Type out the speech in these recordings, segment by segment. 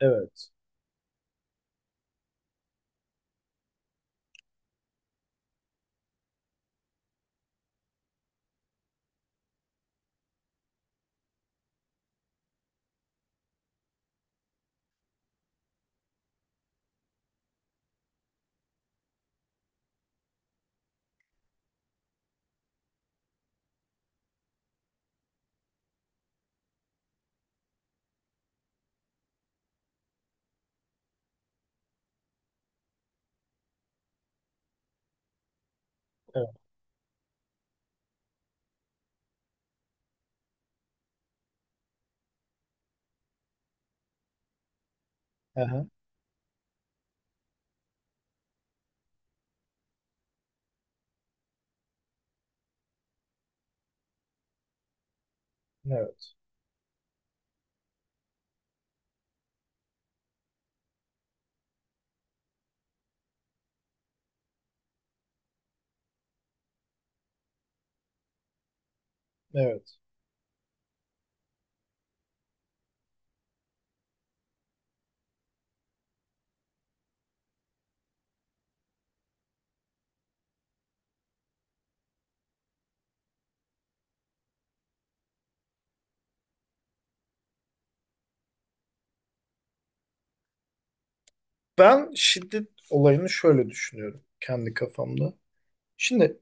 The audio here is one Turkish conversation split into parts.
Evet. Evet. Aha, evet. Evet. Ben şiddet olayını şöyle düşünüyorum kendi kafamda. Şimdi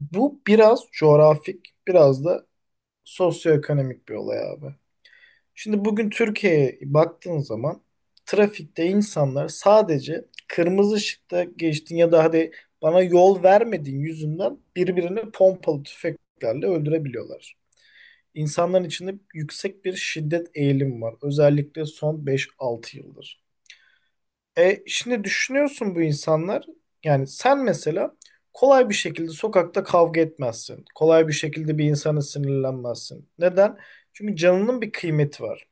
bu biraz coğrafik, biraz da sosyoekonomik bir olay abi. Şimdi bugün Türkiye'ye baktığın zaman trafikte insanlar sadece kırmızı ışıkta geçtin ya da hadi bana yol vermediğin yüzünden birbirini pompalı tüfeklerle öldürebiliyorlar. İnsanların içinde yüksek bir şiddet eğilim var. Özellikle son beş altı yıldır. Şimdi düşünüyorsun bu insanlar yani sen mesela kolay bir şekilde sokakta kavga etmezsin. Kolay bir şekilde bir insana sinirlenmezsin. Neden? Çünkü canının bir kıymeti var.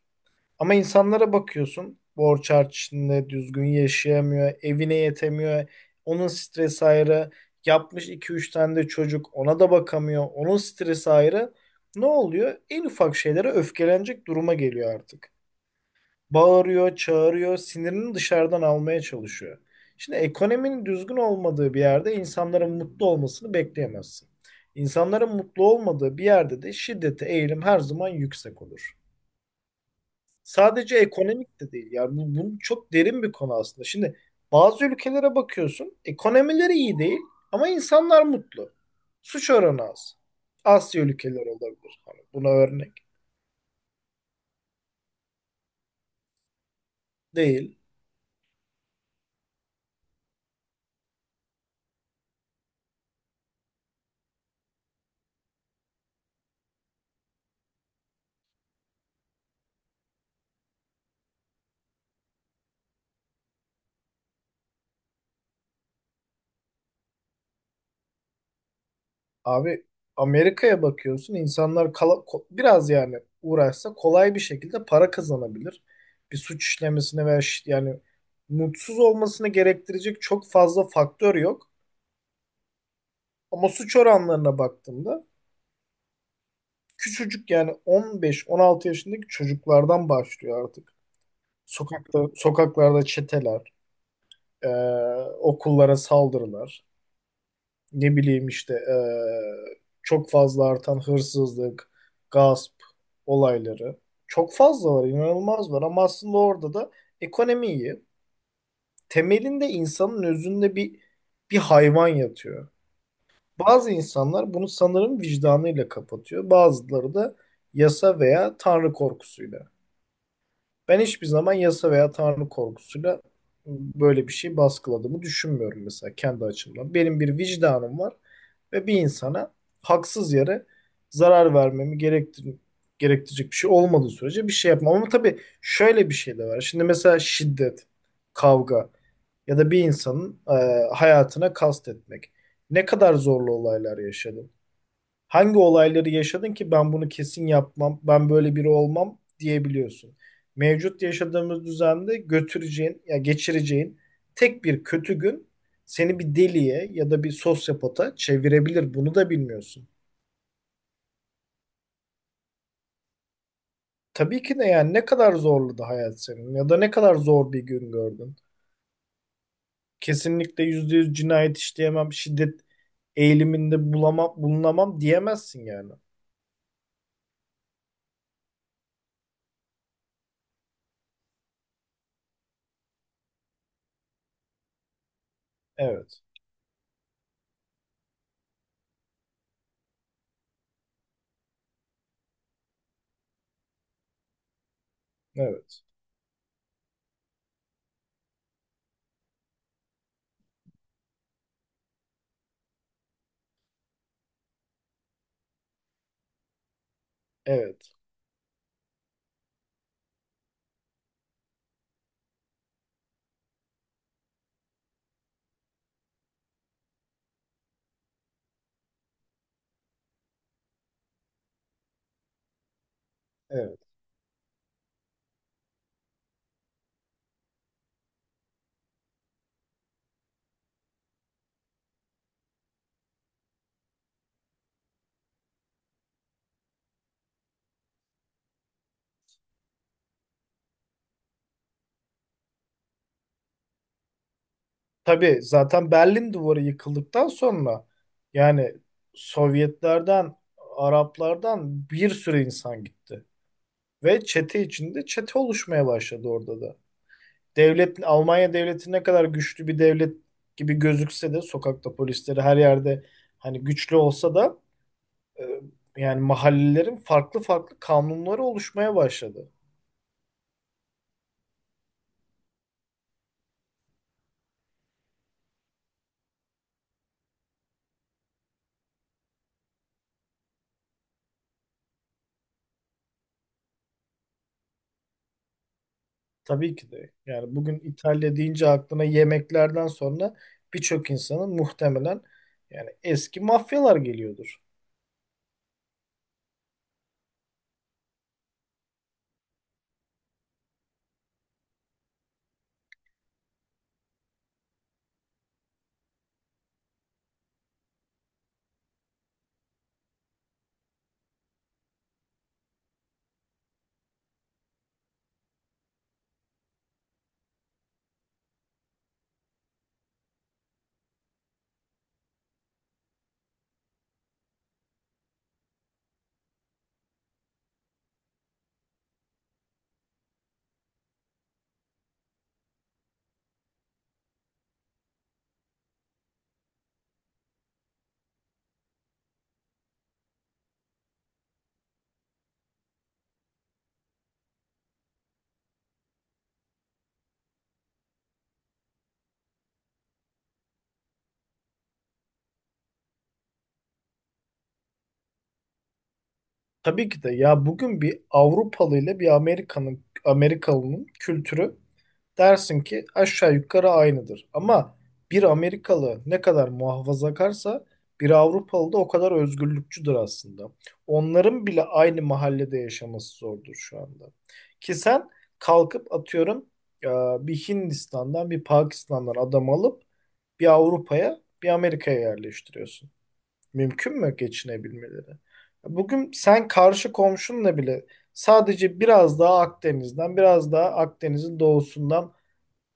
Ama insanlara bakıyorsun borç harç içinde düzgün yaşayamıyor, evine yetemiyor. Onun stresi ayrı. Yapmış iki üç tane de çocuk ona da bakamıyor. Onun stresi ayrı. Ne oluyor? En ufak şeylere öfkelenecek duruma geliyor artık, bağırıyor, çağırıyor, sinirini dışarıdan almaya çalışıyor. Şimdi ekonominin düzgün olmadığı bir yerde insanların mutlu olmasını bekleyemezsin. İnsanların mutlu olmadığı bir yerde de şiddete eğilim her zaman yüksek olur. Sadece ekonomik de değil. Yani bu çok derin bir konu aslında. Şimdi bazı ülkelere bakıyorsun, ekonomileri iyi değil ama insanlar mutlu. Suç oranı az. Asya ülkeleri olabilir. Hani buna örnek değil. Abi, Amerika'ya bakıyorsun insanlar biraz yani uğraşsa kolay bir şekilde para kazanabilir. Bir suç işlemesine veya yani mutsuz olmasını gerektirecek çok fazla faktör yok. Ama suç oranlarına baktığımda küçücük yani 15-16 yaşındaki çocuklardan başlıyor artık. Sokakta, sokaklarda çeteler, eee, okullara saldırılar. Ne bileyim işte, çok fazla artan hırsızlık, gasp olayları çok fazla var, inanılmaz var, ama aslında orada da ekonomiyi temelinde insanın özünde bir hayvan yatıyor. Bazı insanlar bunu sanırım vicdanıyla kapatıyor. Bazıları da yasa veya tanrı korkusuyla. Ben hiçbir zaman yasa veya tanrı korkusuyla böyle bir şey baskıladığımı düşünmüyorum mesela kendi açımdan. Benim bir vicdanım var ve bir insana haksız yere zarar vermemi gerektir gerektirecek bir şey olmadığı sürece bir şey yapmam. Ama tabii şöyle bir şey de var. Şimdi mesela şiddet, kavga ya da bir insanın hayatına kastetmek. Ne kadar zorlu olaylar yaşadım. Hangi olayları yaşadın ki ben bunu kesin yapmam, ben böyle biri olmam diyebiliyorsun. Mevcut yaşadığımız düzende götüreceğin, ya geçireceğin tek bir kötü gün seni bir deliye ya da bir sosyopata çevirebilir. Bunu da bilmiyorsun. Tabii ki de, yani ne kadar zorladı hayat senin ya da ne kadar zor bir gün gördün. Kesinlikle %100 cinayet işleyemem, şiddet eğiliminde bulamam, bulunamam diyemezsin yani. Evet, evet, evet, evet. Tabii zaten Berlin Duvarı yıkıldıktan sonra yani Sovyetlerden, Araplardan bir sürü insan gitti. Ve çete içinde çete oluşmaya başladı orada da. Devlet, Almanya devleti ne kadar güçlü bir devlet gibi gözükse de sokakta polisleri her yerde, hani güçlü olsa da e, yani mahallelerin farklı farklı kanunları oluşmaya başladı. Tabii ki de. Yani bugün İtalya deyince aklına yemeklerden sonra birçok insanın muhtemelen yani eski mafyalar geliyordur. Tabii ki de. Ya, bugün bir Avrupalı ile bir Amerika'nın, Amerikalı'nın kültürü dersin ki aşağı yukarı aynıdır. Ama bir Amerikalı ne kadar muhafazakarsa bir Avrupalı da o kadar özgürlükçüdür aslında. Onların bile aynı mahallede yaşaması zordur şu anda. Ki sen kalkıp atıyorum e, bir Hindistan'dan bir Pakistan'dan adam alıp bir Avrupa'ya bir Amerika'ya yerleştiriyorsun. Mümkün mü geçinebilmeleri? Bugün sen karşı komşunla bile sadece biraz daha Akdeniz'den, biraz daha Akdeniz'in doğusundan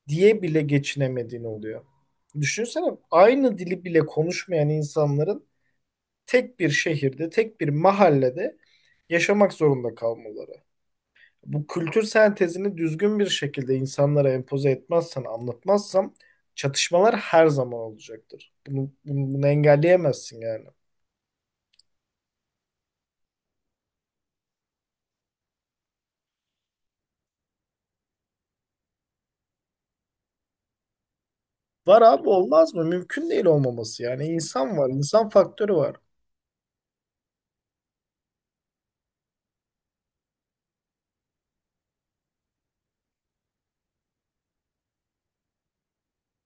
diye bile geçinemediğini oluyor. Düşünsene, aynı dili bile konuşmayan insanların tek bir şehirde, tek bir mahallede yaşamak zorunda kalmaları. Bu kültür sentezini düzgün bir şekilde insanlara empoze etmezsen, anlatmazsam çatışmalar her zaman olacaktır. Bunu engelleyemezsin yani. Var abi, olmaz mı? Mümkün değil olmaması yani. İnsan var, insan faktörü var.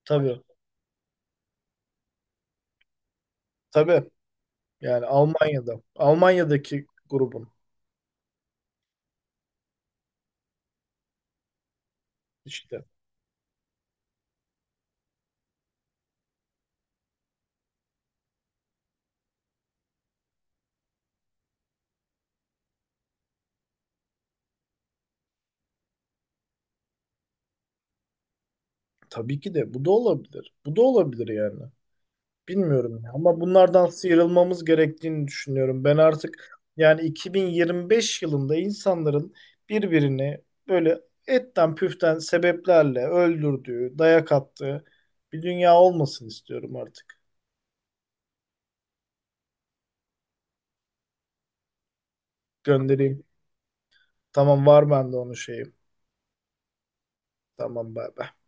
Tabii, tabii. Yani Almanya'da, Almanya'daki grubun işte. Tabii ki de, bu da olabilir. Bu da olabilir yani. Bilmiyorum ya. Ama bunlardan sıyrılmamız gerektiğini düşünüyorum. Ben artık yani 2025 yılında insanların birbirini böyle etten püften sebeplerle öldürdüğü, dayak attığı bir dünya olmasın istiyorum artık. Göndereyim. Tamam, var bende onun şeyi. Tamam, bay bay.